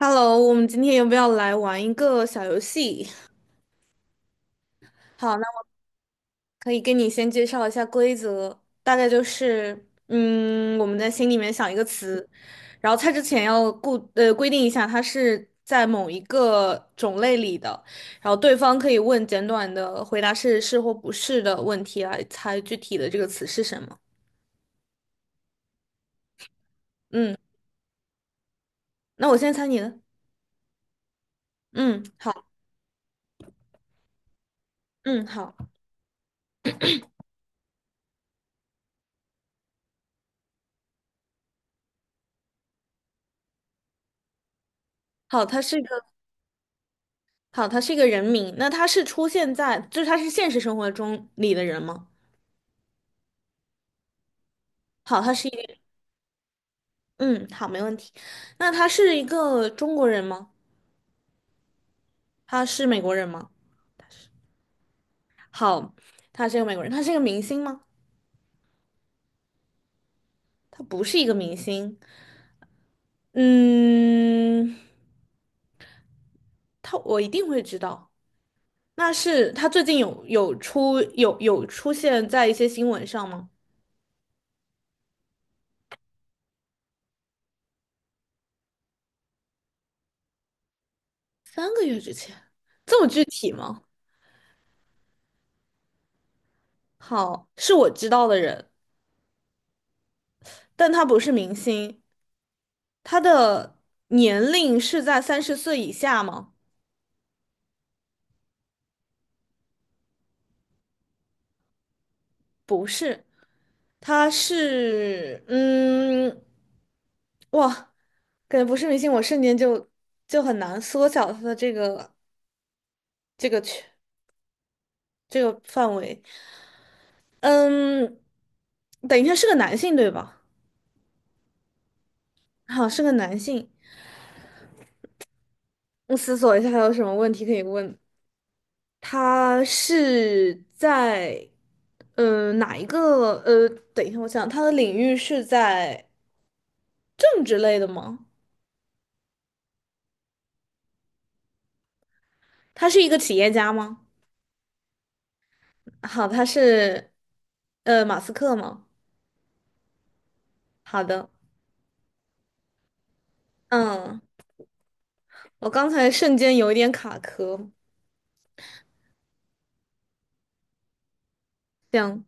Hello，我们今天要不要来玩一个小游戏？好，那我可以跟你先介绍一下规则，大概就是，我们在心里面想一个词，然后猜之前要规定一下它是在某一个种类里的，然后对方可以问简短的回答是是或不是的问题来猜具体的这个词是什么。嗯，那我先猜你的。嗯，好。嗯，好。好，它是一个。好，他是一个人名，那他是出现在，就是他是现实生活中里的人吗？好，他是一个。嗯，好，没问题。那他是一个中国人吗？他是美国人吗？他是。好，他是一个美国人，他是一个明星吗？他不是一个明星。嗯，他我一定会知道。那是他最近有出现在一些新闻上吗？3个月之前，这么具体吗？好，是我知道的人，但他不是明星。他的年龄是在30岁以下吗？不是，他是，哇，感觉不是明星，我瞬间就很难缩小他的这个这个圈这个范围。嗯，等一下是个男性对吧？好，是个男性。我思索一下还有什么问题可以问。他是在哪一个？等一下，我想他的领域是在。政治类的吗？他是一个企业家吗？好，他是马斯克吗？好的。嗯，我刚才瞬间有一点卡壳，这样，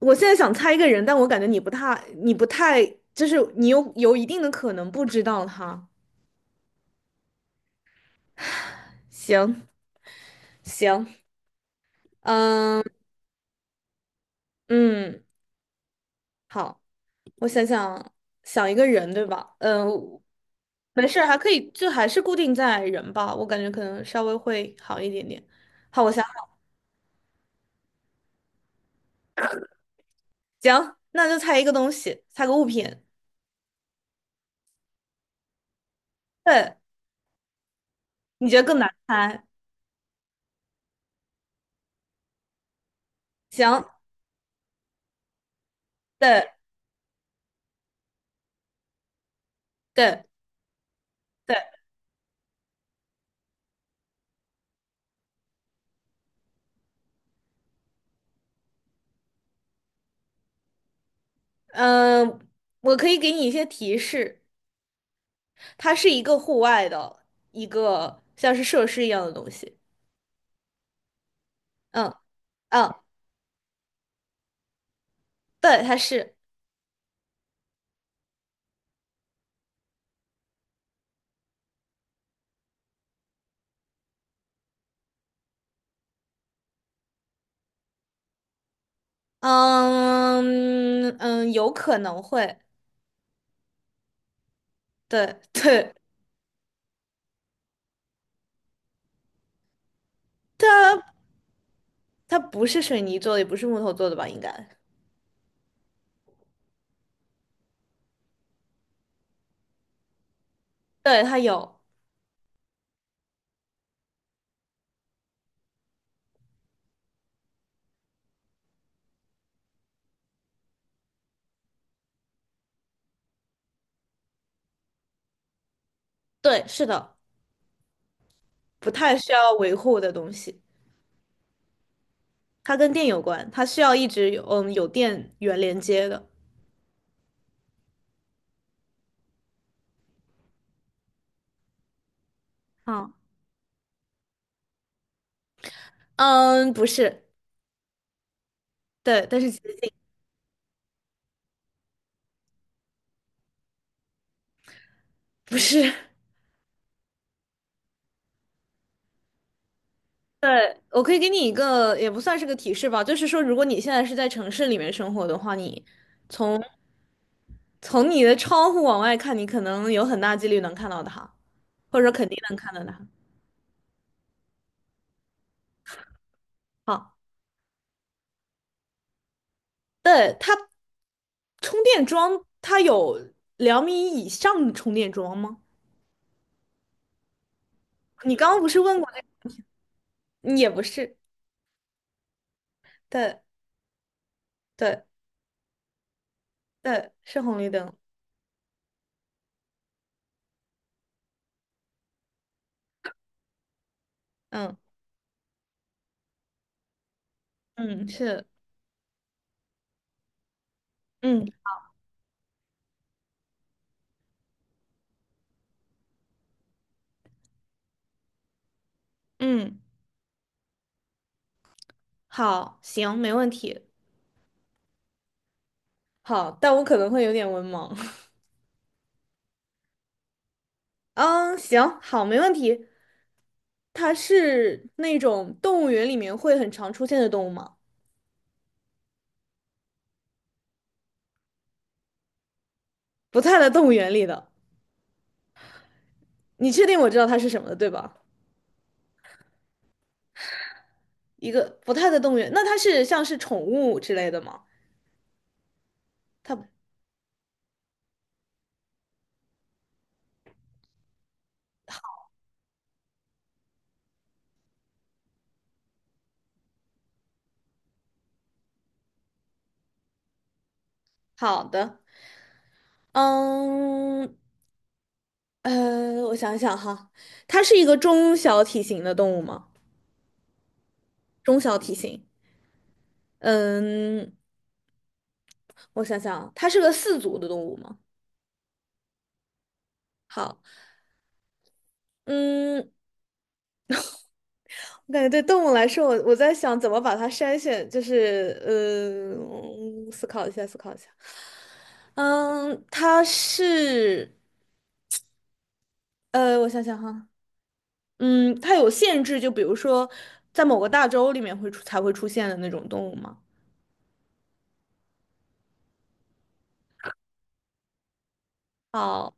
我现在想猜一个人，但我感觉你不太，就是你有一定的可能不知道他。行行。嗯嗯。好，我想想，想一个人，对吧？嗯、没事儿，还可以，就还是固定在人吧，我感觉可能稍微会好一点点。好，我想。行，那就猜一个东西，猜个物品。对，你觉得更难猜？行。对对对。嗯，我可以给你一些提示，它是一个户外的一个像是设施一样的东西。嗯嗯。对，它是。嗯嗯，有可能会。对对，它它不是水泥做的，也不是木头做的吧？应该。对，它有。对，是的，不太需要维护的东西。它跟电有关，它需要一直有电源连接的。啊。嗯。不是。对，但是接近。不是。对，我可以给你一个，也不算是个提示吧，就是说，如果你现在是在城市里面生活的话，你从从你的窗户往外看，你可能有很大几率能看到它，或者说肯定能看到它。好。对，它充电桩，它有2米以上的充电桩吗？你刚刚不是问过那，也不是。对对对，是红绿灯。嗯嗯，是。嗯嗯，好。行，没问题。好，但我可能会有点文盲。嗯，行，好，没问题。它是那种动物园里面会很常出现的动物吗？不太在动物园里的。你确定我知道它是什么的，对吧？一个不太在动物园，那它是像是宠物之类的吗？它好的。嗯我想想哈，它是一个中小体型的动物吗？中小体型。嗯，我想想啊它是个四足的动物吗？好。嗯，我感觉对动物来说，我在想怎么把它筛选，就是，思考一下，思考一下。嗯，它是，我想想哈，它有限制，就比如说在某个大洲里面才会出现的那种动物吗？哦，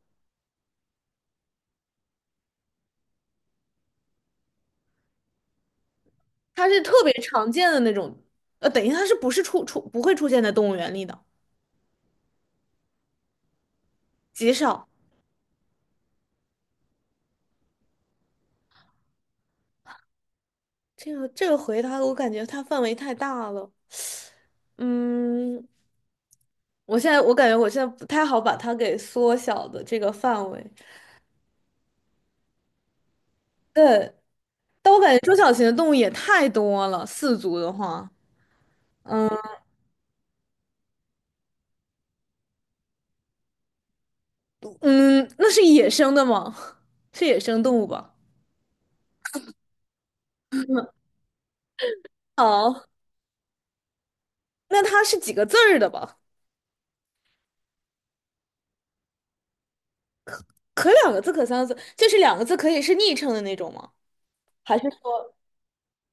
它是特别常见的那种，等于它是不是不会出现在动物园里的，极少。这个回答我感觉它范围太大了。嗯，我感觉我现在不太好把它给缩小的这个范围。对，但我感觉中小型的动物也太多了，四足的话。嗯嗯，那是野生的吗？是野生动物吧？哦，那它是几个字儿的吧？可两个字，可三个字，就是两个字可以是昵称的那种吗？还是说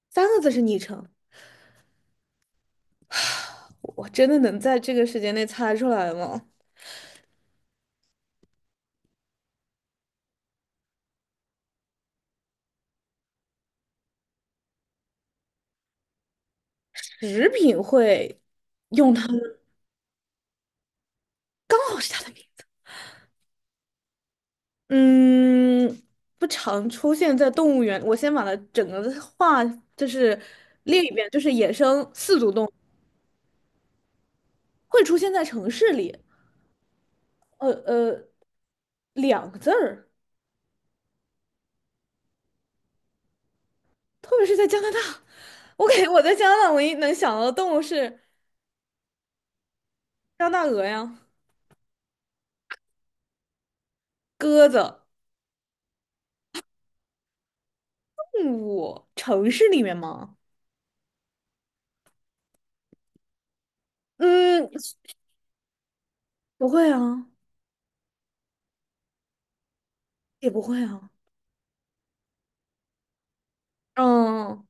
三个字是昵称？我真的能在这个时间内猜出来吗？食品会用它们。哦，是它的名。嗯，不常出现在动物园。我先把它整个的话就是列一遍，就是野生四足动物会出现在城市里。呃呃，2个字儿，特别是在加拿大。我感觉我在加拿大唯一能想到的动物是加拿大鹅呀、鸽子。动物城市里面吗？嗯，不会啊，也不会啊。嗯，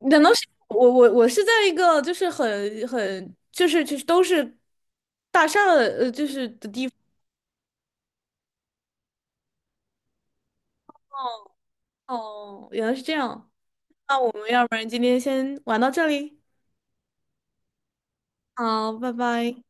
难道是我是在一个就是很就是都是大厦的就是的地方哦，原来是这样。那我们要不然今天先玩到这里，好，拜拜。